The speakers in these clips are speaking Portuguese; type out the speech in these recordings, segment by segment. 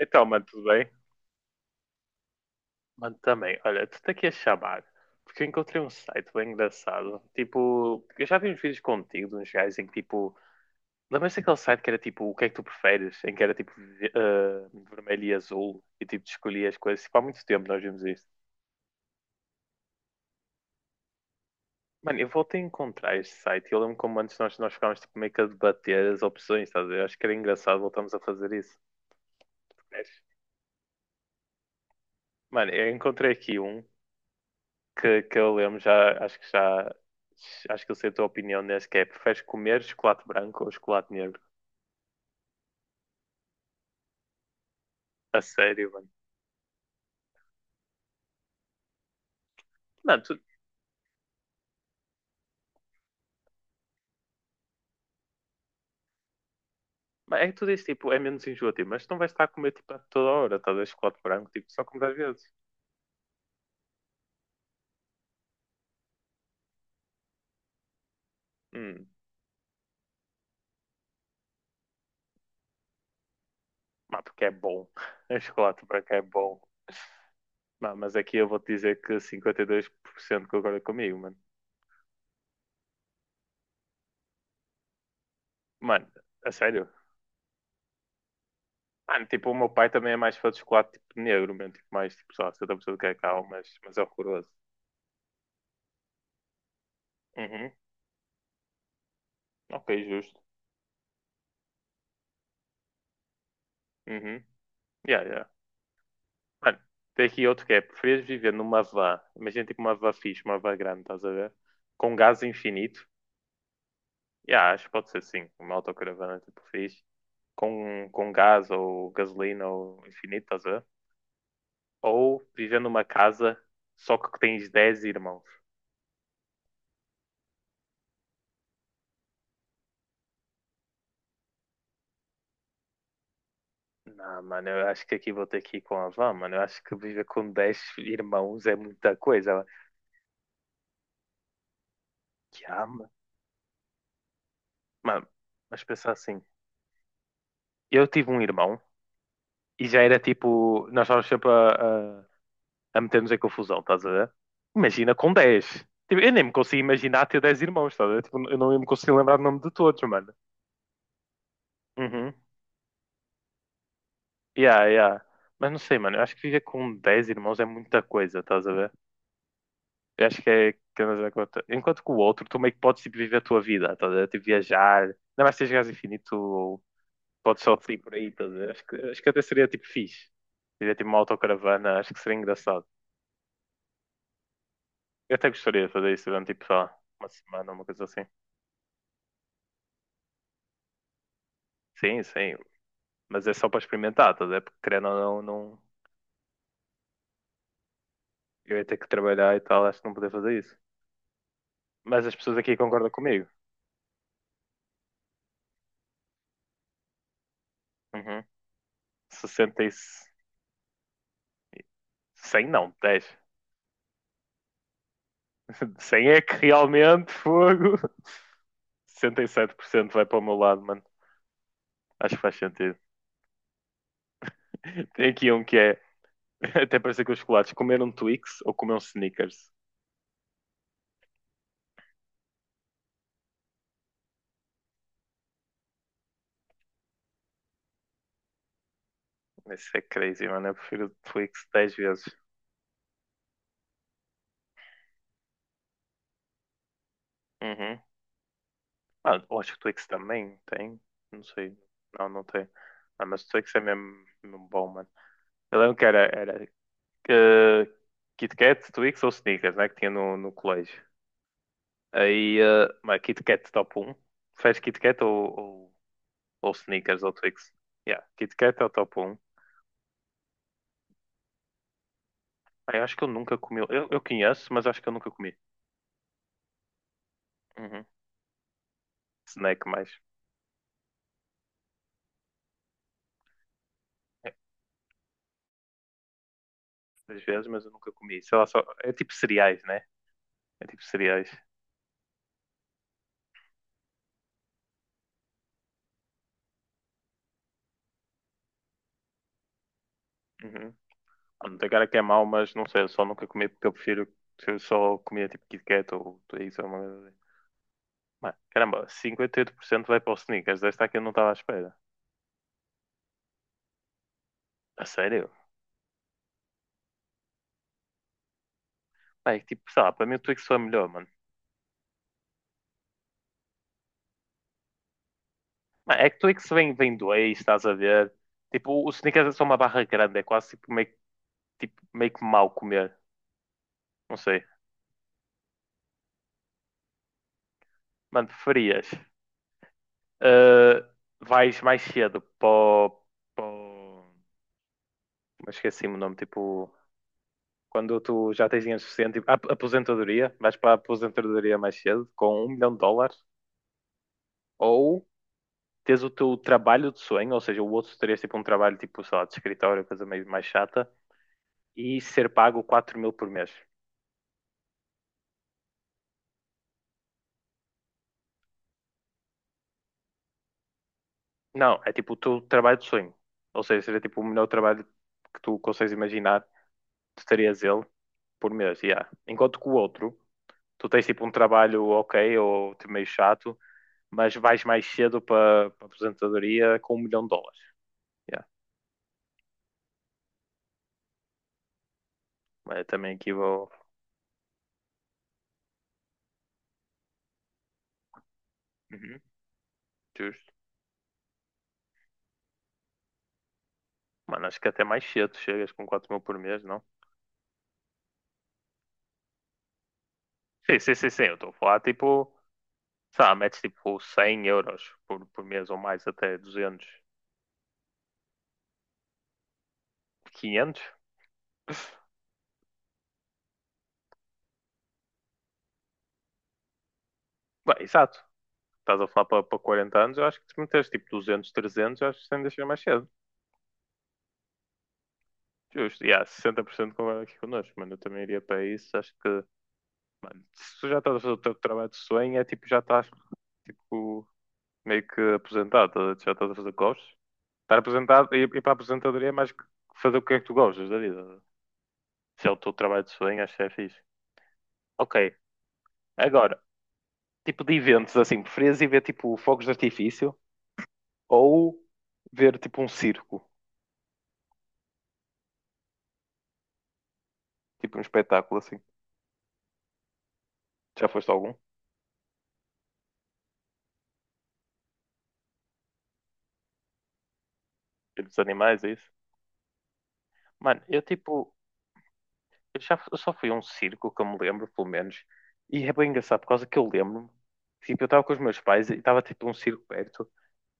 Então, mano, tudo bem? Mano, também. Olha, tu tá aqui a chamar. Porque eu encontrei um site bem engraçado. Tipo, eu já vi uns vídeos contigo de uns gajos em que, tipo, lembras daquele site que era tipo, o que é que tu preferes? Em que era tipo, vermelho e azul. E tipo, tu escolhias as coisas. Tipo, há muito tempo nós vimos isto. Mano, eu voltei a encontrar este site. E eu lembro como antes nós ficávamos tipo, meio que a debater as opções, estás a ver? Acho que era engraçado voltamos a fazer isso. Tu queres? Mano, eu encontrei aqui um que eu lembro, acho que eu sei a tua opinião nesse que é, preferes comer chocolate branco ou chocolate negro? A sério, mano. Mano, tu, é que tu dizes, tipo, é menos enjoativo, mas tu não vais estar a comer, tipo, a toda hora, talvez chocolate branco, tipo, só comes às vezes. Hum, mas porque é bom. O chocolate branco é bom. Mano, mas aqui eu vou-te dizer que 52% concorda comigo, mano. Mano, a sério? Mano, tipo, o meu pai também é mais fã de chocolate, tipo, negro, mesmo, tipo, mais, tipo, só 70% do cacau, mas é horroroso. Uhum, ok, justo. Uhum. Yeah, yeah. Mano, tem aqui outro que é: preferias viver numa van? Imagina tipo uma van fixe, uma van grande, estás a ver? Com gás infinito. Yeah, acho que pode ser sim, uma autocaravana tipo fixe. Com gás ou gasolina ou infinito, estás a ver? Ou viver numa casa só que tens 10 irmãos. Não, mano, eu acho que aqui vou ter que ir com a van, mano. Eu acho que viver com 10 irmãos é muita coisa. Que ama. Mano, mas pensar assim: eu tive um irmão e já era tipo, nós estávamos sempre a meter-nos em confusão, estás a ver? Imagina com dez. Tipo, eu nem me consigo imaginar ter 10 irmãos, estás a ver? Tipo, eu não me consigo lembrar o nome de todos, mano. Uhum. Yeah, yeah. Mas não sei, mano, eu acho que viver com 10 irmãos é muita coisa, estás a ver? Eu acho que é. Que andas a conta. Enquanto que o outro, tu meio que podes tipo, viver a tua vida, estás a ver? Tipo, viajar. Ainda mais se jogares infinito, ou podes só ir por aí, estás a ver? Acho que até seria tipo fixe. Seria tipo uma autocaravana, acho que seria engraçado. Eu até gostaria de fazer isso durante tipo só uma semana, uma coisa assim. Sim, sim, mas é só para experimentar, tá? A ver? Porque querendo ou não, não, eu ia ter que trabalhar e tal, acho que não poder fazer isso. Mas as pessoas aqui concordam comigo. Uhum. 60 e... se- 100 não, 10. 100 é que realmente fogo. 67% vai para o meu lado, mano. Acho que faz sentido. Tem aqui um que é, até parece que os chocolates, comer um Twix ou comer um Snickers. Isso é crazy, mano. Eu prefiro o Twix 10 vezes. Uhum. Ah, eu acho que o Twix também tem. Não sei. Não, não tem. Ah, mas o Twix é mesmo, mesmo bom, mano. Eu lembro que era eh, Kit Kat, Twix ou Snickers, né? Que tinha no colégio. Aí, mas Kit Kat top um, fez Kit Kat ou, ou Snickers ou Twix? Yeah, Kit Kat é o top um. Aí, acho que eu nunca comi. Eu conheço, mas acho que eu nunca comi. Uhum. Snack mais. É, às vezes, mas eu nunca comi. Sei lá, só. É tipo cereais, né? É tipo cereais. Uhum. Ah, não tem cara que é mau, mas não sei, eu só nunca comi porque eu prefiro eu só comia tipo Kit Kat ou tudo isso, alguma coisa assim. Mano, caramba, 58% vai para os Snickers desta aqui, eu não estava à espera. A sério? Mano, é que, tipo, sei lá, para mim o Twix foi melhor, mano. Mano, é que Twix vem dois, estás a ver? Tipo, o Snickers é só uma barra grande, é quase tipo, meio que mal comer, não sei. Mano, preferias? ah, vais mais cedo para o- para o- mas esqueci-me o nome, tipo. Quando tu já tens dinheiro suficiente, tipo, a aposentadoria, vais para a aposentadoria mais cedo, com 1 milhão de dólares, ou tens o teu trabalho de sonho, ou seja, o outro terias tipo um trabalho tipo, sei lá, de escritório, coisa meio mais chata, e ser pago 4 mil por mês. Não, é tipo o teu trabalho de sonho. Ou seja, seria tipo o melhor trabalho que tu consegues imaginar, tu terias ele por mês, yeah. Enquanto que o outro, tu tens tipo um trabalho ok, ou tipo, meio chato, mas vais mais cedo para a aposentadoria com 1 milhão de dólares. Yeah. Mas eu também aqui vou. Uhum, justo. Mano, acho que até mais cedo chegas com 4 mil por mês, não? Sim, sim, sim, sim. Eu estou a falar tipo, sei lá, metes tipo 100 euros por mês ou mais, até 200 500. Bem, exato. Estás a falar para 40 anos, eu acho que se meteres tipo 200 300 eu acho que sem deixar mais cedo. Justo. E há 60% concorda aqui connosco, mano. Eu também iria para isso. Acho que, mano, se tu já estás a fazer o teu trabalho de sonho, é tipo, já estás tipo, meio que aposentado, tá já estás a fazer costas. Estar apresentado e ir para a apresentadoria é mais que fazer o que é que tu gostas da vida. Se é o teu trabalho de sonho, acho que é fixe. Ok, agora, tipo de eventos assim, preferias ir ver tipo fogos de artifício ou ver tipo um circo, tipo um espetáculo assim? Já foste a algum? Ver dos animais, é isso? Mano, eu tipo, eu já eu só fui a um circo que eu me lembro, pelo menos, e é bem engraçado por causa que eu lembro-me. Tipo, eu estava com os meus pais e estava tipo um circo perto.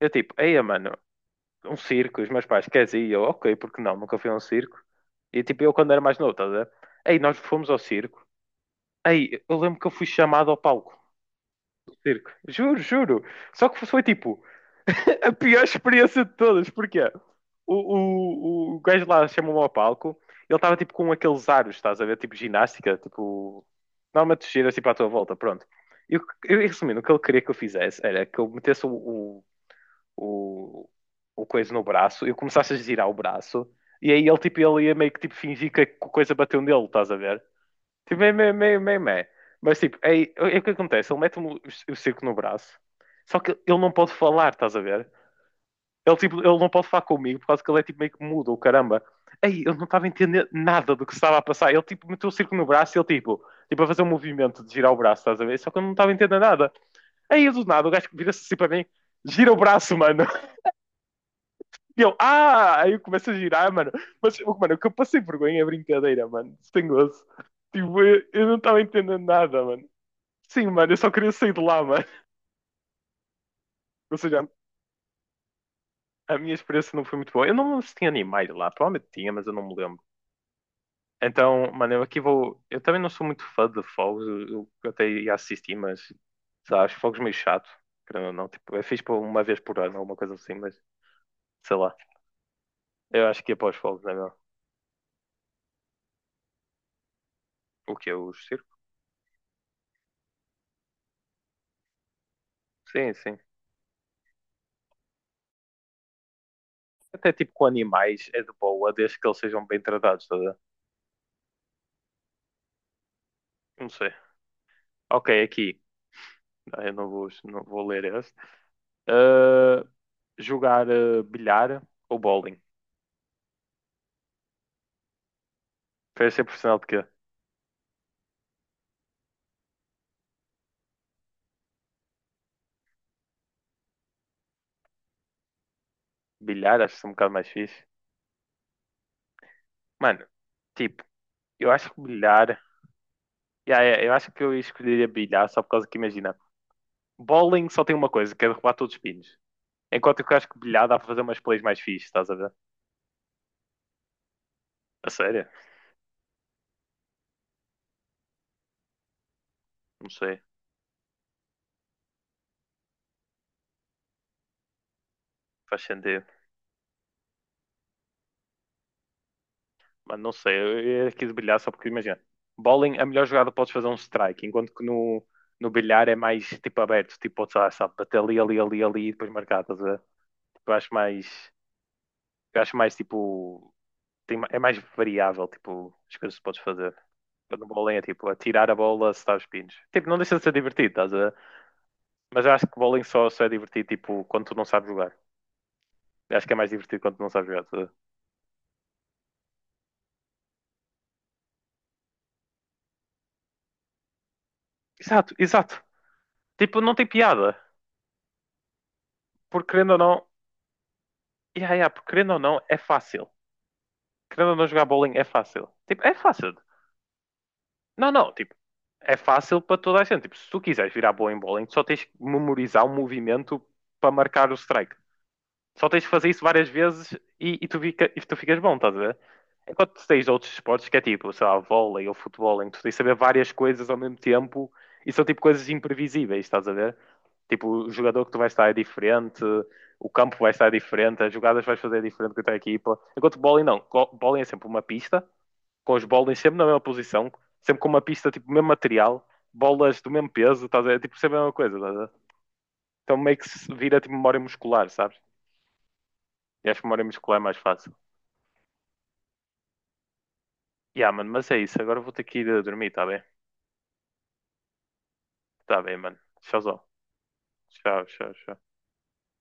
Eu tipo, eia, mano, um circo, e os meus pais, queres ir? E eu, ok, porque não, nunca fui a um circo. E tipo, eu quando era mais novo, estás a ver? Aí nós fomos ao circo. Aí eu lembro que eu fui chamado ao palco do circo. Juro, juro. Só que foi tipo a pior experiência de todas. Porque o gajo lá chamou-me ao palco. Ele estava tipo com aqueles aros, estás a ver? Tipo ginástica, tipo. Normalmente tu giras tipo à tua volta, pronto. E o que- eu, resumindo, o que ele queria que eu fizesse era que eu metesse o, o coisa no braço, eu começasse a girar o braço, e aí ele, tipo, ele ia meio que tipo, fingir que a coisa bateu nele, estás a ver? Tipo, meio, meio, meio, meio, meio. Mas tipo, aí, é o que acontece, ele mete-me o circo no braço, só que ele não pode falar, estás a ver? Ele, tipo, ele não pode falar comigo por causa que ele é tipo meio que mudo, o caramba. Aí eu não estava a entender nada do que estava a passar. Ele tipo meteu o circo no braço e ele tipo a fazer um movimento de girar o braço, estás a ver? Só que eu não estava a entender nada. Aí do nada o gajo vira-se assim para mim, gira o braço, mano. E eu, ah! Aí eu começo a girar, mano. Mas, tipo, mano, o que eu passei vergonha é brincadeira, mano. Sem gozo. Tipo, eu não estava entendendo nada, mano. Sim, mano, eu só queria sair de lá, mano. Ou seja, a minha experiência não foi muito boa. Eu não lembro se tinha animais lá. Provavelmente tinha, mas eu não me lembro. Então, mano, eu aqui vou. Eu também não sou muito fã de fogos. Eu até ia assistir, mas. Sei lá, acho fogos meio chato. Querendo ou não, tipo, eu fiz por uma vez por ano, alguma coisa assim, mas sei lá. Eu acho que ia para os fogos, não é mesmo? O que é? Os circos? Sim, sim. Até tipo com animais é de boa, desde que eles sejam bem tratados, tá a ver? Não sei. Ok, aqui. Ah, eu não vou, não vou ler esse. Ah, jogar bilhar ou bowling? Prefere ser profissional de quê? Bilhar, acho que é um bocado mais fixe. Mano, tipo, eu acho que bilhar. Yeah, yeah, eu acho que eu escolheria bilhar só por causa que, imagina, bowling só tem uma coisa, que é derrubar todos os pinos. Enquanto que eu acho que bilhar dá para fazer umas plays mais fixe, estás a ver? A sério? Não sei. Faz sentido. Mas não sei, eu quis brilhar só porque imagina. Bowling, a melhor jogada podes fazer é um strike, enquanto que no bilhar é mais tipo aberto, tipo, podes, sabe, bater ali, ali, ali, ali e depois marcar, estás a ver? Tipo, eu acho mais tipo, tem, ma- é mais variável, tipo, as coisas que podes fazer. No bowling é tipo, atirar a bola se estás pinos. Tipo, não deixa de ser divertido, estás a ver? Mas eu acho que bowling só é divertido, tipo, quando tu não sabes jogar. Eu acho que é mais divertido quando tu não sabes jogar, estás a ver? Exato, exato. Tipo, não tem piada. Porque querendo ou não, yeah, yeah, porque querendo ou não, é fácil. Querendo ou não jogar bowling é fácil. Tipo, é fácil. Não, não, tipo, é fácil para toda a gente. Tipo, se tu quiseres virar bom em bowling, tu só tens que memorizar o movimento para marcar o strike. Só tens de fazer isso várias vezes e, e tu ficas bom, estás a ver? Enquanto tu tens outros esportes que é tipo, sei lá, vôlei ou futebol, em que tu tens de saber várias coisas ao mesmo tempo e são tipo coisas imprevisíveis, estás a ver? Tipo, o jogador que tu vais estar é diferente, o campo vai estar diferente, as jogadas vais fazer diferente com a tua equipa. Enquanto bowling não, Go- bowling é sempre uma pista, com os bowling sempre na mesma posição, sempre com uma pista, tipo, mesmo material, bolas do mesmo peso, estás a ver? Tipo, sempre a mesma coisa, estás a ver? Então meio que se vira tipo memória muscular, sabes? E acho que memória muscular é mais fácil. Yeah, mano, mas é isso. Agora vou ter que ir a dormir, tá bem? Tá bem, mano. Tchauzão. Tchau, tchau, tchau.